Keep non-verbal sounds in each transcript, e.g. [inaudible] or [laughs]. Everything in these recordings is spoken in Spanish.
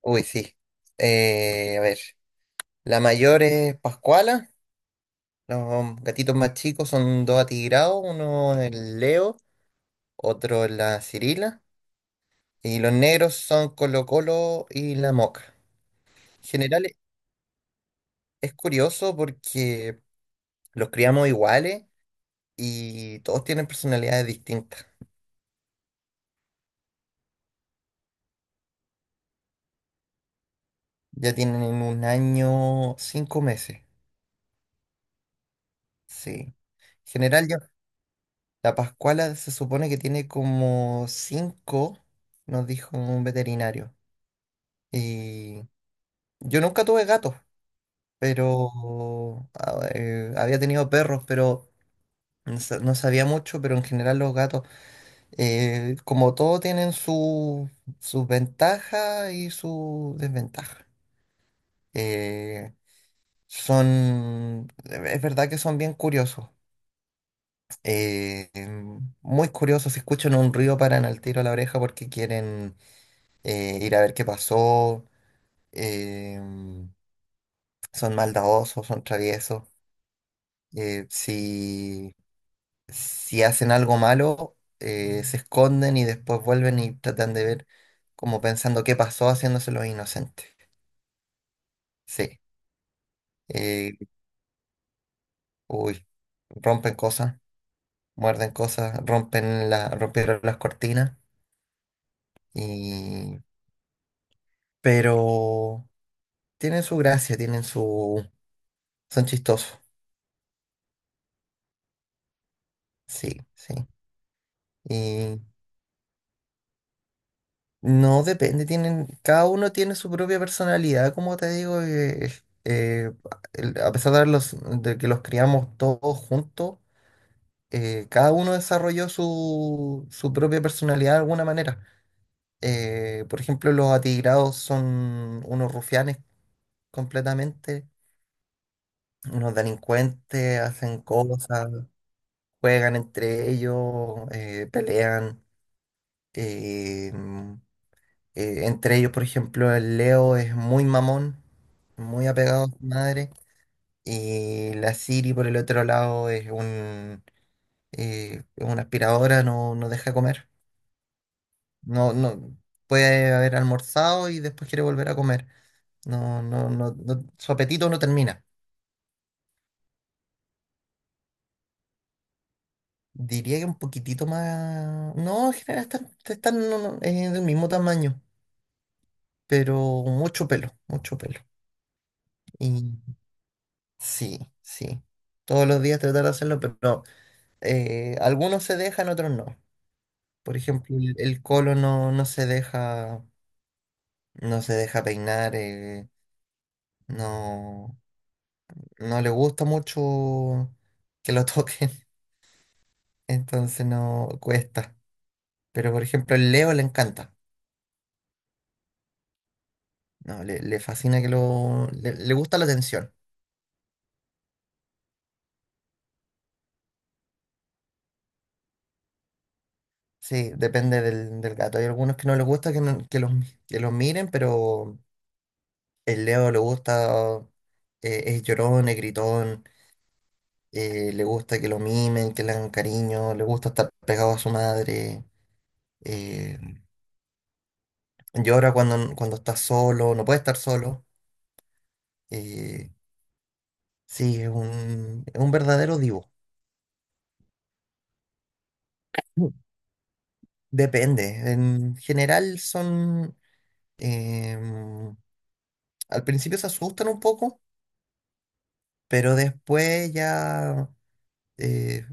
Uy, sí. A ver, la mayor es Pascuala. Los gatitos más chicos son dos atigrados: uno es el Leo, otro es la Cirila, y los negros son Colo Colo y la Moca. En general es curioso porque los criamos iguales y todos tienen personalidades distintas. Ya tienen 1 año, 5 meses, sí. En general yo, la Pascuala se supone que tiene como 5, nos dijo un veterinario. Y yo nunca tuve gatos, pero había tenido perros, pero no sabía mucho. Pero en general los gatos, como todo, tienen sus ventajas y sus desventajas. Eh, es verdad que son bien curiosos, muy curiosos. Si escuchan un ruido, paran al tiro a la oreja porque quieren ir a ver qué pasó. em, Son maldadosos, son traviesos. eh, si, si hacen algo malo, se esconden y después vuelven y tratan de ver como pensando qué pasó, haciéndoselo inocente. Sí. Eh, Uy, rompen cosas, muerden cosas, rompieron las cortinas y... Pero tienen su gracia, tienen su... Son chistosos. Sí, sí. No, depende. Tienen, cada uno tiene su propia personalidad, como te digo. Eh, a pesar de que los criamos todos juntos, cada uno desarrolló su propia personalidad de alguna manera. Por ejemplo, los atigrados son unos rufianes completamente, unos delincuentes. Hacen cosas, juegan entre ellos, pelean. eh, Entre ellos, por ejemplo, el Leo es muy mamón, muy apegado a su madre. Y la Siri, por el otro lado, es una aspiradora, no, no deja comer. No, no puede haber almorzado y después quiere volver a comer. No, no, no, su apetito no termina. Diría que un poquitito más. No, en general están, están no, no, del mismo tamaño, pero mucho pelo, mucho pelo. Y sí, sí. Todos los días tratar de hacerlo, pero no. Algunos se dejan, otros no. Por ejemplo, el colo no, no se deja, no se deja peinar. No, no le gusta mucho que lo toquen, [laughs] entonces no cuesta. Pero por ejemplo, el Leo le encanta, no, le fascina le gusta la atención. Sí, depende del gato. Hay algunos que no les gusta que, no- que los miren, pero el Leo le gusta. Es llorón, es gritón. Le gusta que lo mimen, que le hagan cariño, le gusta estar pegado a su madre. eh, Llora cuando, cuando está solo, no puede estar solo. eh, es un verdadero divo. Mm. Depende, en general son... em, Al principio se asustan un poco, pero después ya... eh,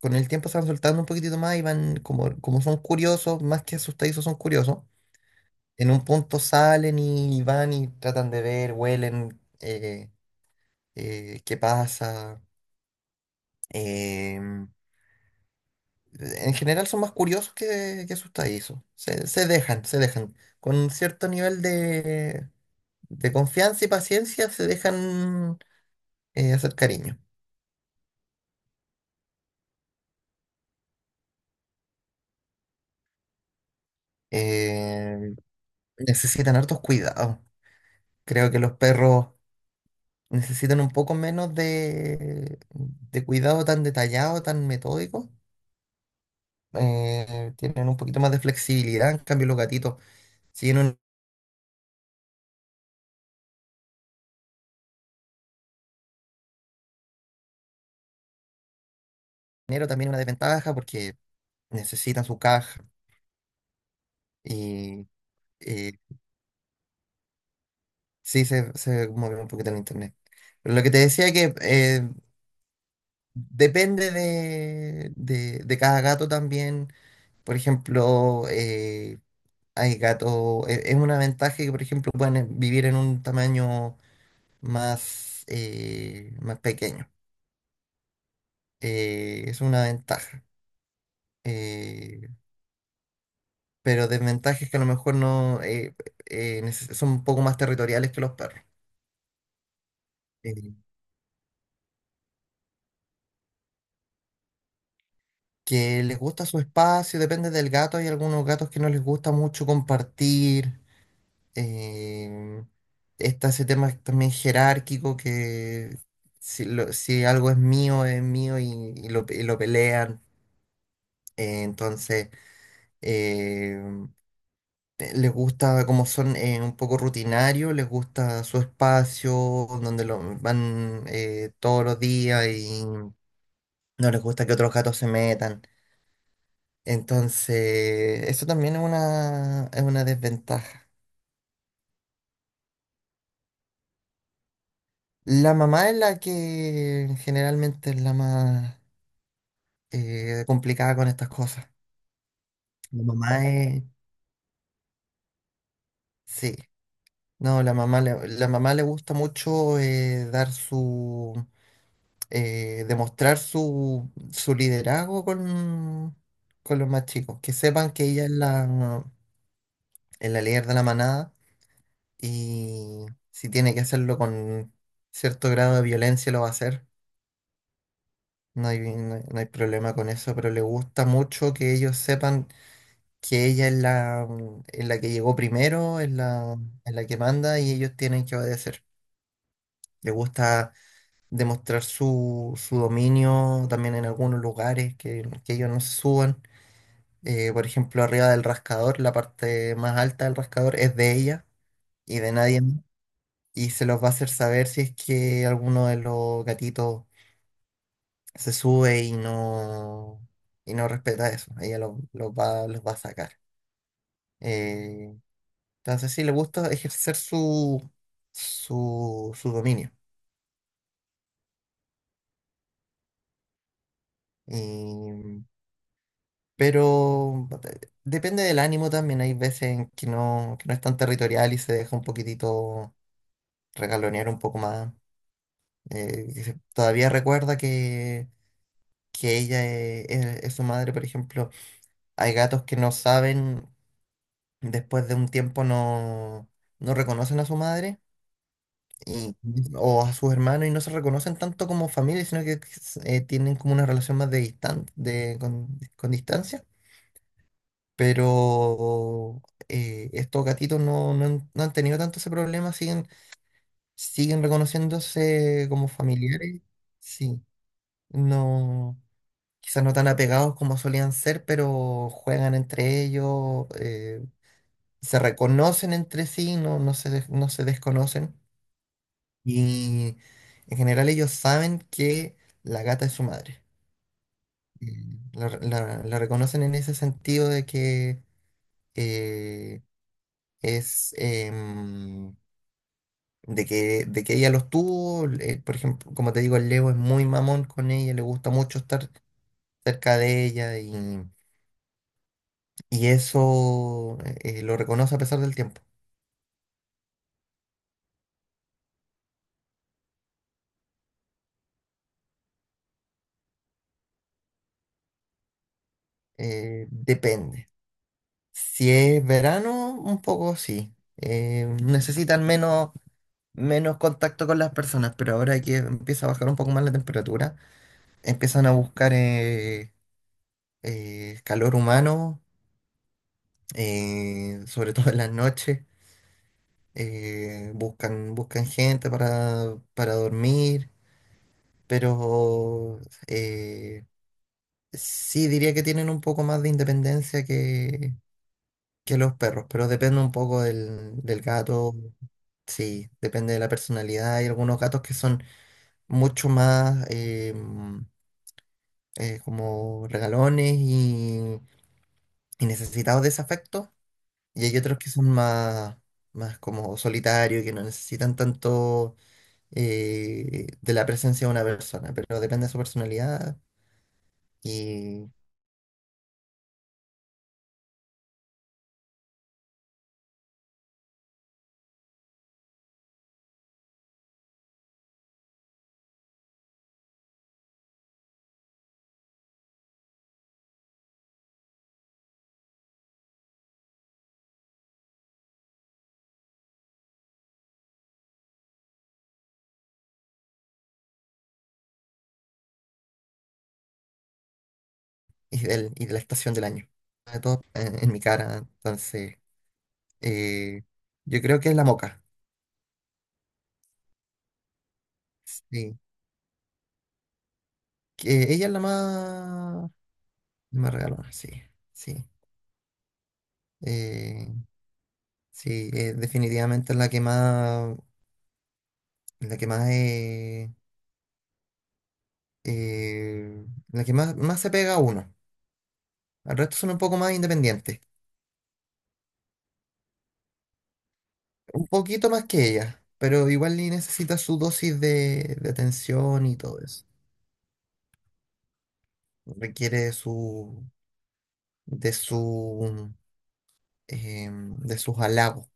con el tiempo se van soltando un poquitito más y van, como, como son curiosos, más que asustadizos, son curiosos. En un punto salen y van y tratan de ver, huelen, qué pasa. Em, en general son más curiosos que asustadizos. Se dejan, se dejan. Con cierto nivel de confianza y paciencia se dejan hacer cariño. Em, Necesitan hartos cuidados. Creo que los perros necesitan un poco menos de cuidado tan detallado, tan metódico. Tienen un poquito más de flexibilidad. En cambio, los gatitos, si en un enero también una desventaja porque necesitan su caja. y eh, sí se mueve un poquito el internet. Pero lo que te decía que depende de cada gato también. Por ejemplo, hay gatos, es una ventaja que, por ejemplo, pueden vivir en un tamaño más, más pequeño. Es una ventaja. Eh, pero desventajas que a lo mejor no son un poco más territoriales que los perros. Eh, que les gusta su espacio, depende del gato. Hay algunos gatos que no les gusta mucho compartir. eh, Está ese tema también jerárquico que si algo es mío y lo pelean. eh, entonces, eh, Les gusta, como son un poco rutinarios, les gusta su espacio donde lo van todos los días y no les gusta que otros gatos se metan. Entonces, eso también es una desventaja. La mamá es la que generalmente es la más complicada con estas cosas. La mamá es, sí, no, la mamá le gusta mucho dar su demostrar su liderazgo con los más chicos, que sepan que ella es es la líder de la manada, y si tiene que hacerlo con cierto grado de violencia lo va a hacer. No hay problema con eso, pero le gusta mucho que ellos sepan que ella es es la que llegó primero, es es la que manda y ellos tienen que obedecer. Le gusta demostrar su dominio también en algunos lugares, que ellos no se suban. Por ejemplo, arriba del rascador, la parte más alta del rascador es de ella y de nadie más. Y se los va a hacer saber si es que alguno de los gatitos se sube y no respeta eso. Ella los va a sacar. Eh, sí, le gusta ejercer su dominio. Y- pero depende del ánimo también. Hay veces en que no es tan territorial y se deja un poquitito regalonear un poco más. Todavía recuerda que ella es su madre, por ejemplo. Hay gatos que no saben, después de un tiempo no, no reconocen a su madre y, o a sus hermanos y no se reconocen tanto como familia, sino que tienen como una relación más de distan de, con distancia. Pero estos gatitos no, no han tenido tanto ese problema. Siguen, siguen reconociéndose como familiares. Sí, no, quizás no tan apegados como solían ser, pero juegan entre ellos. Se reconocen entre sí, no se desconocen. Y en general ellos saben que la gata es su madre. La la- reconocen en ese sentido de que eh, es em, de que ella los tuvo. Por ejemplo, como te digo, el Leo es muy mamón con ella, le gusta mucho estar cerca de ella. Y eso lo reconoce a pesar del tiempo. Depende. Si es verano, un poco sí. Necesitan menos, menos contacto con las personas, pero ahora que empieza a bajar un poco más la temperatura, empiezan a buscar calor humano, sobre todo en las noches. Buscan, buscan gente para dormir, pero eh, sí, diría que tienen un poco más de independencia que los perros, pero depende un poco del gato. Sí, depende de la personalidad. Hay algunos gatos que son mucho más como regalones y necesitados de ese afecto, y hay otros que son más, más como solitarios y que no necesitan tanto de la presencia de una persona, pero depende de su personalidad y, y de la estación del año. Sobre todo en mi cara, entonces, eh, yo creo que es la Moca. Sí, que ella es la más regalona, sí, sí. Eh, sí, Definitivamente es la que más, la que más, eh, la que más, más se pega a uno. Al resto son un poco más independientes, un poquito más que ella, pero igual y necesita su dosis de atención y todo eso. Requiere de su, de sus halagos.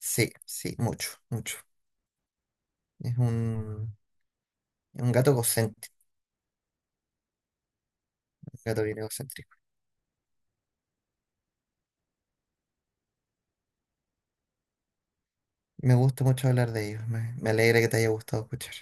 Sí, sí, mucho, mucho. Es un, es un gato egocéntrico, un gato bien egocéntrico. Me gusta mucho hablar de ellos. Me alegra que te haya gustado escuchar.